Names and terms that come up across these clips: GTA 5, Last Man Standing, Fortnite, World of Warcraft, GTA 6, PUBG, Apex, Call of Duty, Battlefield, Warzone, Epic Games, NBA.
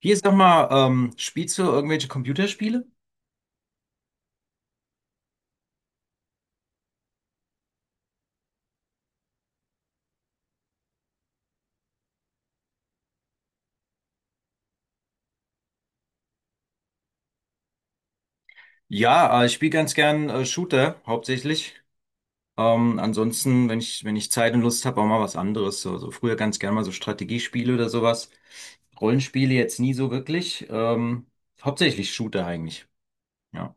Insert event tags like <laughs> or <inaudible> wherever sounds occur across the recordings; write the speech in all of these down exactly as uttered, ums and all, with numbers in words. Hier sag mal, ähm, spielst du irgendwelche Computerspiele? Ja, äh, ich spiele ganz gern äh, Shooter hauptsächlich. Ähm, ansonsten, wenn ich, wenn ich Zeit und Lust habe, auch mal was anderes. So, so früher ganz gern mal so Strategiespiele oder sowas. Rollenspiele jetzt nie so wirklich. Ähm, hauptsächlich Shooter eigentlich. Ja.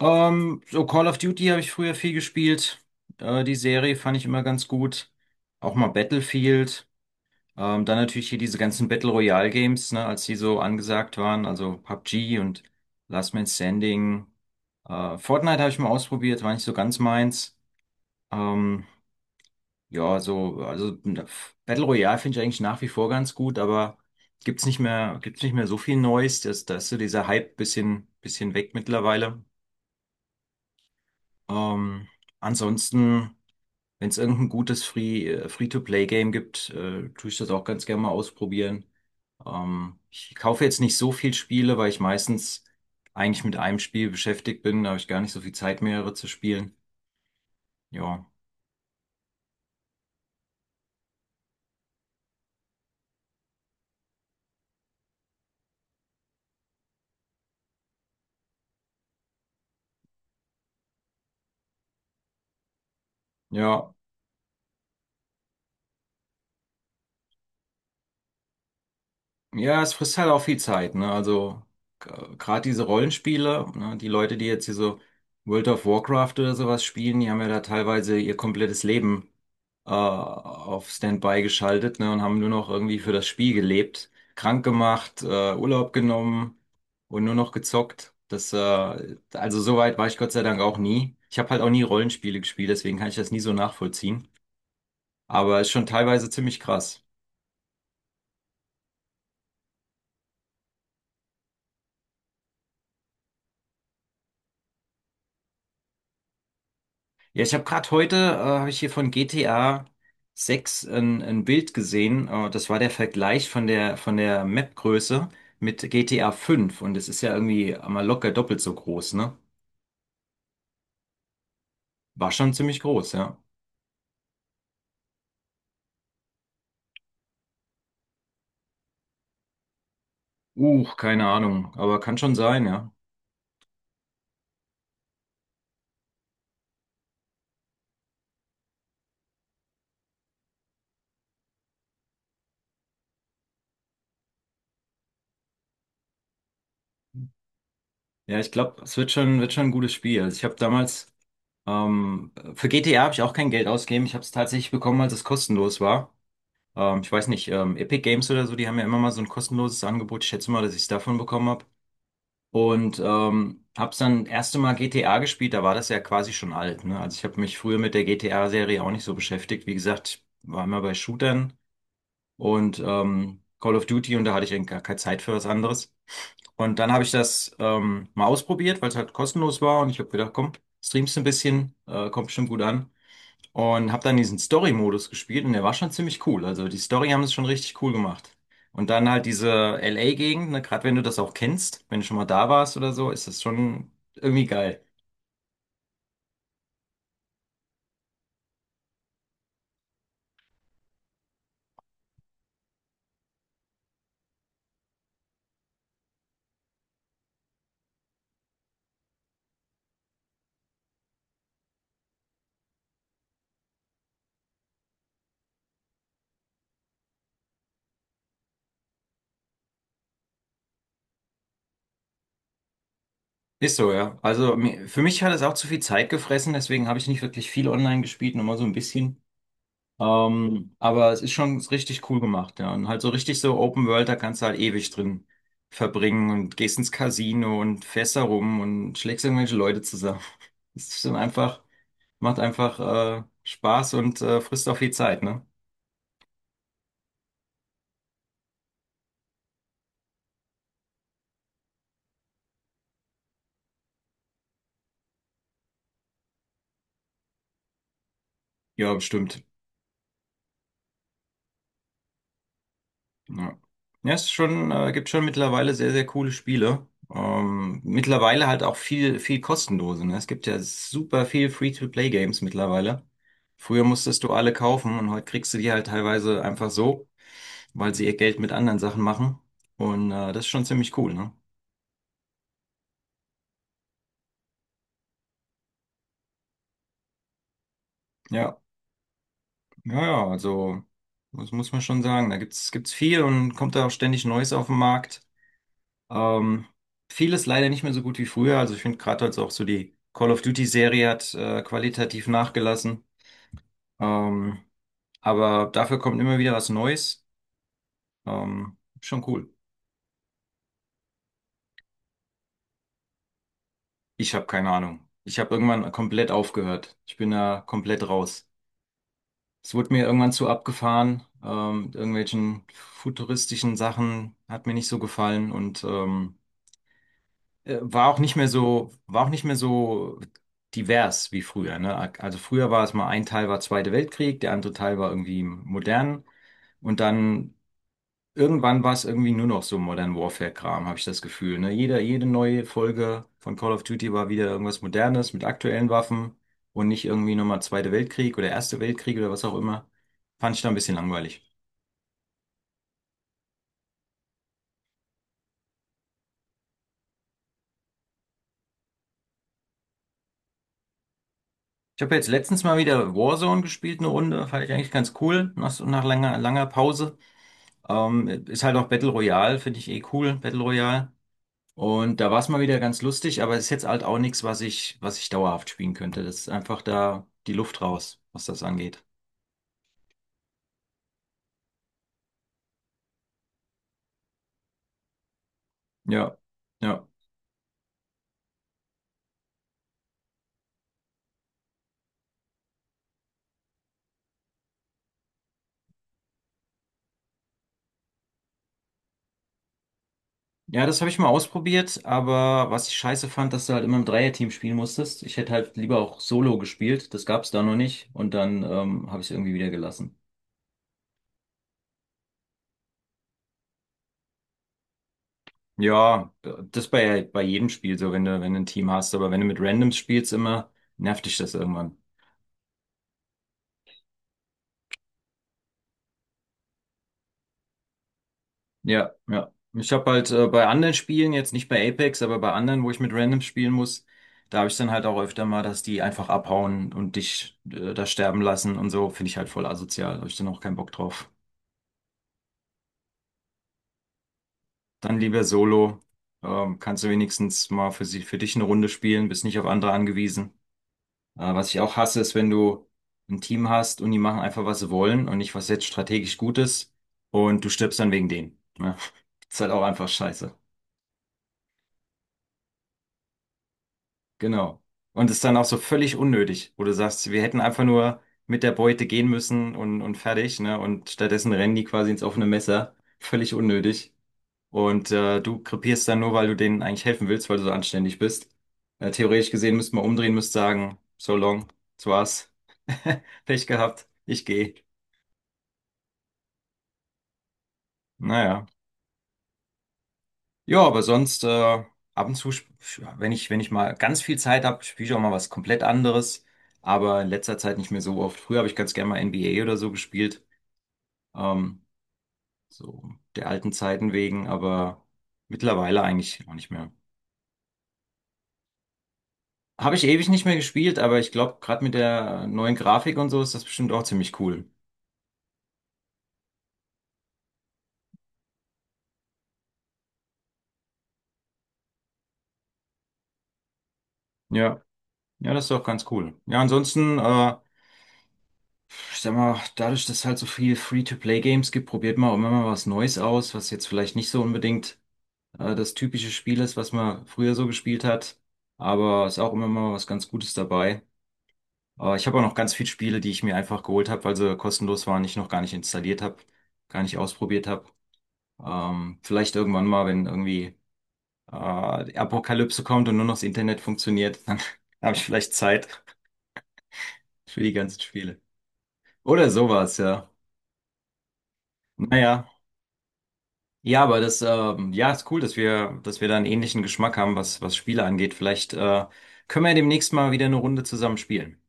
Ähm, so Call of Duty habe ich früher viel gespielt. Äh, die Serie fand ich immer ganz gut. Auch mal Battlefield. Ähm, dann natürlich hier diese ganzen Battle Royale Games, ne, als die so angesagt waren, also PUBG und Last Man Standing. Äh, Fortnite habe ich mal ausprobiert, war nicht so ganz meins. Ähm, ja, so, also äh, Battle Royale finde ich eigentlich nach wie vor ganz gut, aber gibt's nicht mehr, gibt's nicht mehr so viel Neues. Das, da ist so dieser Hype bisschen, bisschen weg mittlerweile. Ähm, ansonsten, wenn es irgendein gutes Free, äh, Free-to-Play-Game gibt, äh, tue ich das auch ganz gerne mal ausprobieren. Ähm, ich kaufe jetzt nicht so viel Spiele, weil ich meistens eigentlich mit einem Spiel beschäftigt bin. Da habe ich gar nicht so viel Zeit, mehrere zu spielen. Ja, ja, ja, es frisst halt auch viel Zeit, ne? Also gerade diese Rollenspiele, ne? Die Leute, die jetzt hier so World of Warcraft oder sowas spielen, die haben ja da teilweise ihr komplettes Leben äh, auf Standby geschaltet, ne, und haben nur noch irgendwie für das Spiel gelebt, krank gemacht, äh, Urlaub genommen und nur noch gezockt. Das, äh, also so weit war ich Gott sei Dank auch nie. Ich habe halt auch nie Rollenspiele gespielt, deswegen kann ich das nie so nachvollziehen. Aber ist schon teilweise ziemlich krass. Ja, ich habe gerade heute, äh, habe ich hier von G T A sechs ein, ein Bild gesehen. Äh, das war der Vergleich von der, von der Map-Größe mit G T A fünf. Und es ist ja irgendwie mal locker doppelt so groß, ne? War schon ziemlich groß, ja. Uh, keine Ahnung, aber kann schon sein, ja. Ja, ich glaube, es wird schon, wird schon ein gutes Spiel. Also ich habe damals, ähm, für G T A habe ich auch kein Geld ausgegeben. Ich habe es tatsächlich bekommen, als es kostenlos war. Ähm, ich weiß nicht, ähm, Epic Games oder so, die haben ja immer mal so ein kostenloses Angebot. Ich schätze mal, dass ich es davon bekommen habe. Und ähm, habe es dann das erste Mal G T A gespielt, da war das ja quasi schon alt, ne? Also ich habe mich früher mit der G T A-Serie auch nicht so beschäftigt. Wie gesagt, ich war immer bei Shootern. Und ähm, Call of Duty, und da hatte ich eigentlich gar keine Zeit für was anderes. Und dann habe ich das ähm, mal ausprobiert, weil es halt kostenlos war, und ich habe gedacht, komm, streamst ein bisschen, äh, kommt bestimmt gut an. Und habe dann diesen Story-Modus gespielt, und der war schon ziemlich cool. Also die Story haben es schon richtig cool gemacht. Und dann halt diese L A-Gegend, ne, gerade wenn du das auch kennst, wenn du schon mal da warst oder so, ist das schon irgendwie geil. Ist so, ja. Also mi- für mich hat es auch zu viel Zeit gefressen, deswegen habe ich nicht wirklich viel online gespielt, nur mal so ein bisschen. Ähm, aber es ist schon richtig cool gemacht, ja. Und halt so richtig so Open World, da kannst du halt ewig drin verbringen und gehst ins Casino und fährst da rum und schlägst irgendwelche Leute zusammen. <laughs> Es ist dann einfach, macht einfach äh, Spaß und äh, frisst auch viel Zeit, ne? Ja, bestimmt. Ja, ja es ist schon, äh, gibt schon mittlerweile sehr, sehr coole Spiele. Ähm, mittlerweile halt auch viel, viel kostenlose. Ne? Es gibt ja super viel Free-to-Play-Games mittlerweile. Früher musstest du alle kaufen, und heute kriegst du die halt teilweise einfach so, weil sie ihr Geld mit anderen Sachen machen. Und äh, das ist schon ziemlich cool, ne? Ja, ja, ja, also das muss man schon sagen. Da gibt's, gibt's viel und kommt da auch ständig Neues auf den Markt. Ähm, vieles leider nicht mehr so gut wie früher. Also ich finde gerade jetzt auch so die Call of Duty-Serie hat äh, qualitativ nachgelassen. Ähm, aber dafür kommt immer wieder was Neues. Ähm, schon cool. Ich habe keine Ahnung. Ich habe irgendwann komplett aufgehört. Ich bin da komplett raus. Es wurde mir irgendwann zu abgefahren. Ähm, mit irgendwelchen futuristischen Sachen hat mir nicht so gefallen, und ähm, äh, war auch nicht mehr so, war auch nicht mehr so divers wie früher, ne? Also früher war es mal ein Teil war Zweiter Weltkrieg, der andere Teil war irgendwie modern, und dann irgendwann war es irgendwie nur noch so Modern Warfare-Kram, habe ich das Gefühl, ne? Jeder, jede neue Folge von Call of Duty war wieder irgendwas Modernes mit aktuellen Waffen und nicht irgendwie nochmal Zweiter Weltkrieg oder Erster Weltkrieg oder was auch immer. Fand ich da ein bisschen langweilig. Ich habe jetzt letztens mal wieder Warzone gespielt, eine Runde, fand ich eigentlich ganz cool, nach, nach langer, langer Pause. Ähm, ist halt auch Battle Royale, finde ich eh cool, Battle Royale. Und da war es mal wieder ganz lustig, aber ist jetzt halt auch nichts, was ich, was ich dauerhaft spielen könnte. Das ist einfach da die Luft raus, was das angeht. Ja, ja. Ja, das habe ich mal ausprobiert, aber was ich scheiße fand, dass du halt immer im Dreierteam spielen musstest. Ich hätte halt lieber auch Solo gespielt, das gab es da noch nicht, und dann ähm, habe ich es irgendwie wieder gelassen. Ja, das bei, bei jedem Spiel so, wenn du, wenn du ein Team hast, aber wenn du mit Randoms spielst, immer nervt dich das irgendwann. Ja, ja. Ich habe halt äh, bei anderen Spielen, jetzt nicht bei Apex, aber bei anderen, wo ich mit Randoms spielen muss, da habe ich dann halt auch öfter mal, dass die einfach abhauen und dich äh, da sterben lassen und so, finde ich halt voll asozial. Habe ich dann auch keinen Bock drauf. Dann lieber Solo. Ähm, kannst du wenigstens mal für sie, für dich eine Runde spielen, bist nicht auf andere angewiesen. Äh, was ich auch hasse, ist, wenn du ein Team hast und die machen einfach, was sie wollen, und nicht, was jetzt strategisch gut ist, und du stirbst dann wegen denen. Ja. <laughs> Ist halt auch einfach scheiße. Genau. Und ist dann auch so völlig unnötig, wo du sagst, wir hätten einfach nur mit der Beute gehen müssen und, und fertig, ne? Und stattdessen rennen die quasi ins offene Messer. Völlig unnötig. Und äh, du krepierst dann nur, weil du denen eigentlich helfen willst, weil du so anständig bist. Äh, theoretisch gesehen müsste man umdrehen, müsste sagen, so long, das war's. <laughs> Pech gehabt, ich gehe. Naja. Ja, aber sonst äh, ab und zu, sp- sch- wenn ich, wenn ich mal ganz viel Zeit habe, spiele ich auch mal was komplett anderes. Aber in letzter Zeit nicht mehr so oft. Früher habe ich ganz gerne mal N B A oder so gespielt. Ähm, so der alten Zeiten wegen, aber mittlerweile eigentlich auch nicht mehr. Habe ich ewig nicht mehr gespielt, aber ich glaube, gerade mit der neuen Grafik und so ist das bestimmt auch ziemlich cool. Ja, ja, das ist doch ganz cool. Ja, ansonsten, äh, ich sag mal, dadurch, dass es halt so viel Free-to-Play-Games gibt, probiert man auch immer mal was Neues aus, was jetzt vielleicht nicht so unbedingt äh, das typische Spiel ist, was man früher so gespielt hat. Aber ist auch immer mal was ganz Gutes dabei. Äh, ich habe auch noch ganz viele Spiele, die ich mir einfach geholt habe, weil sie kostenlos waren, ich noch gar nicht installiert habe, gar nicht ausprobiert habe. Ähm, vielleicht irgendwann mal, wenn irgendwie äh, die Apokalypse kommt und nur noch das Internet funktioniert, dann <laughs> habe ich vielleicht Zeit für die ganzen Spiele. Oder sowas, ja. Naja. Ja, aber das, ähm, ja, ist cool, dass wir, dass wir da einen ähnlichen Geschmack haben, was, was Spiele angeht. Vielleicht, äh, können wir ja demnächst mal wieder eine Runde zusammen spielen.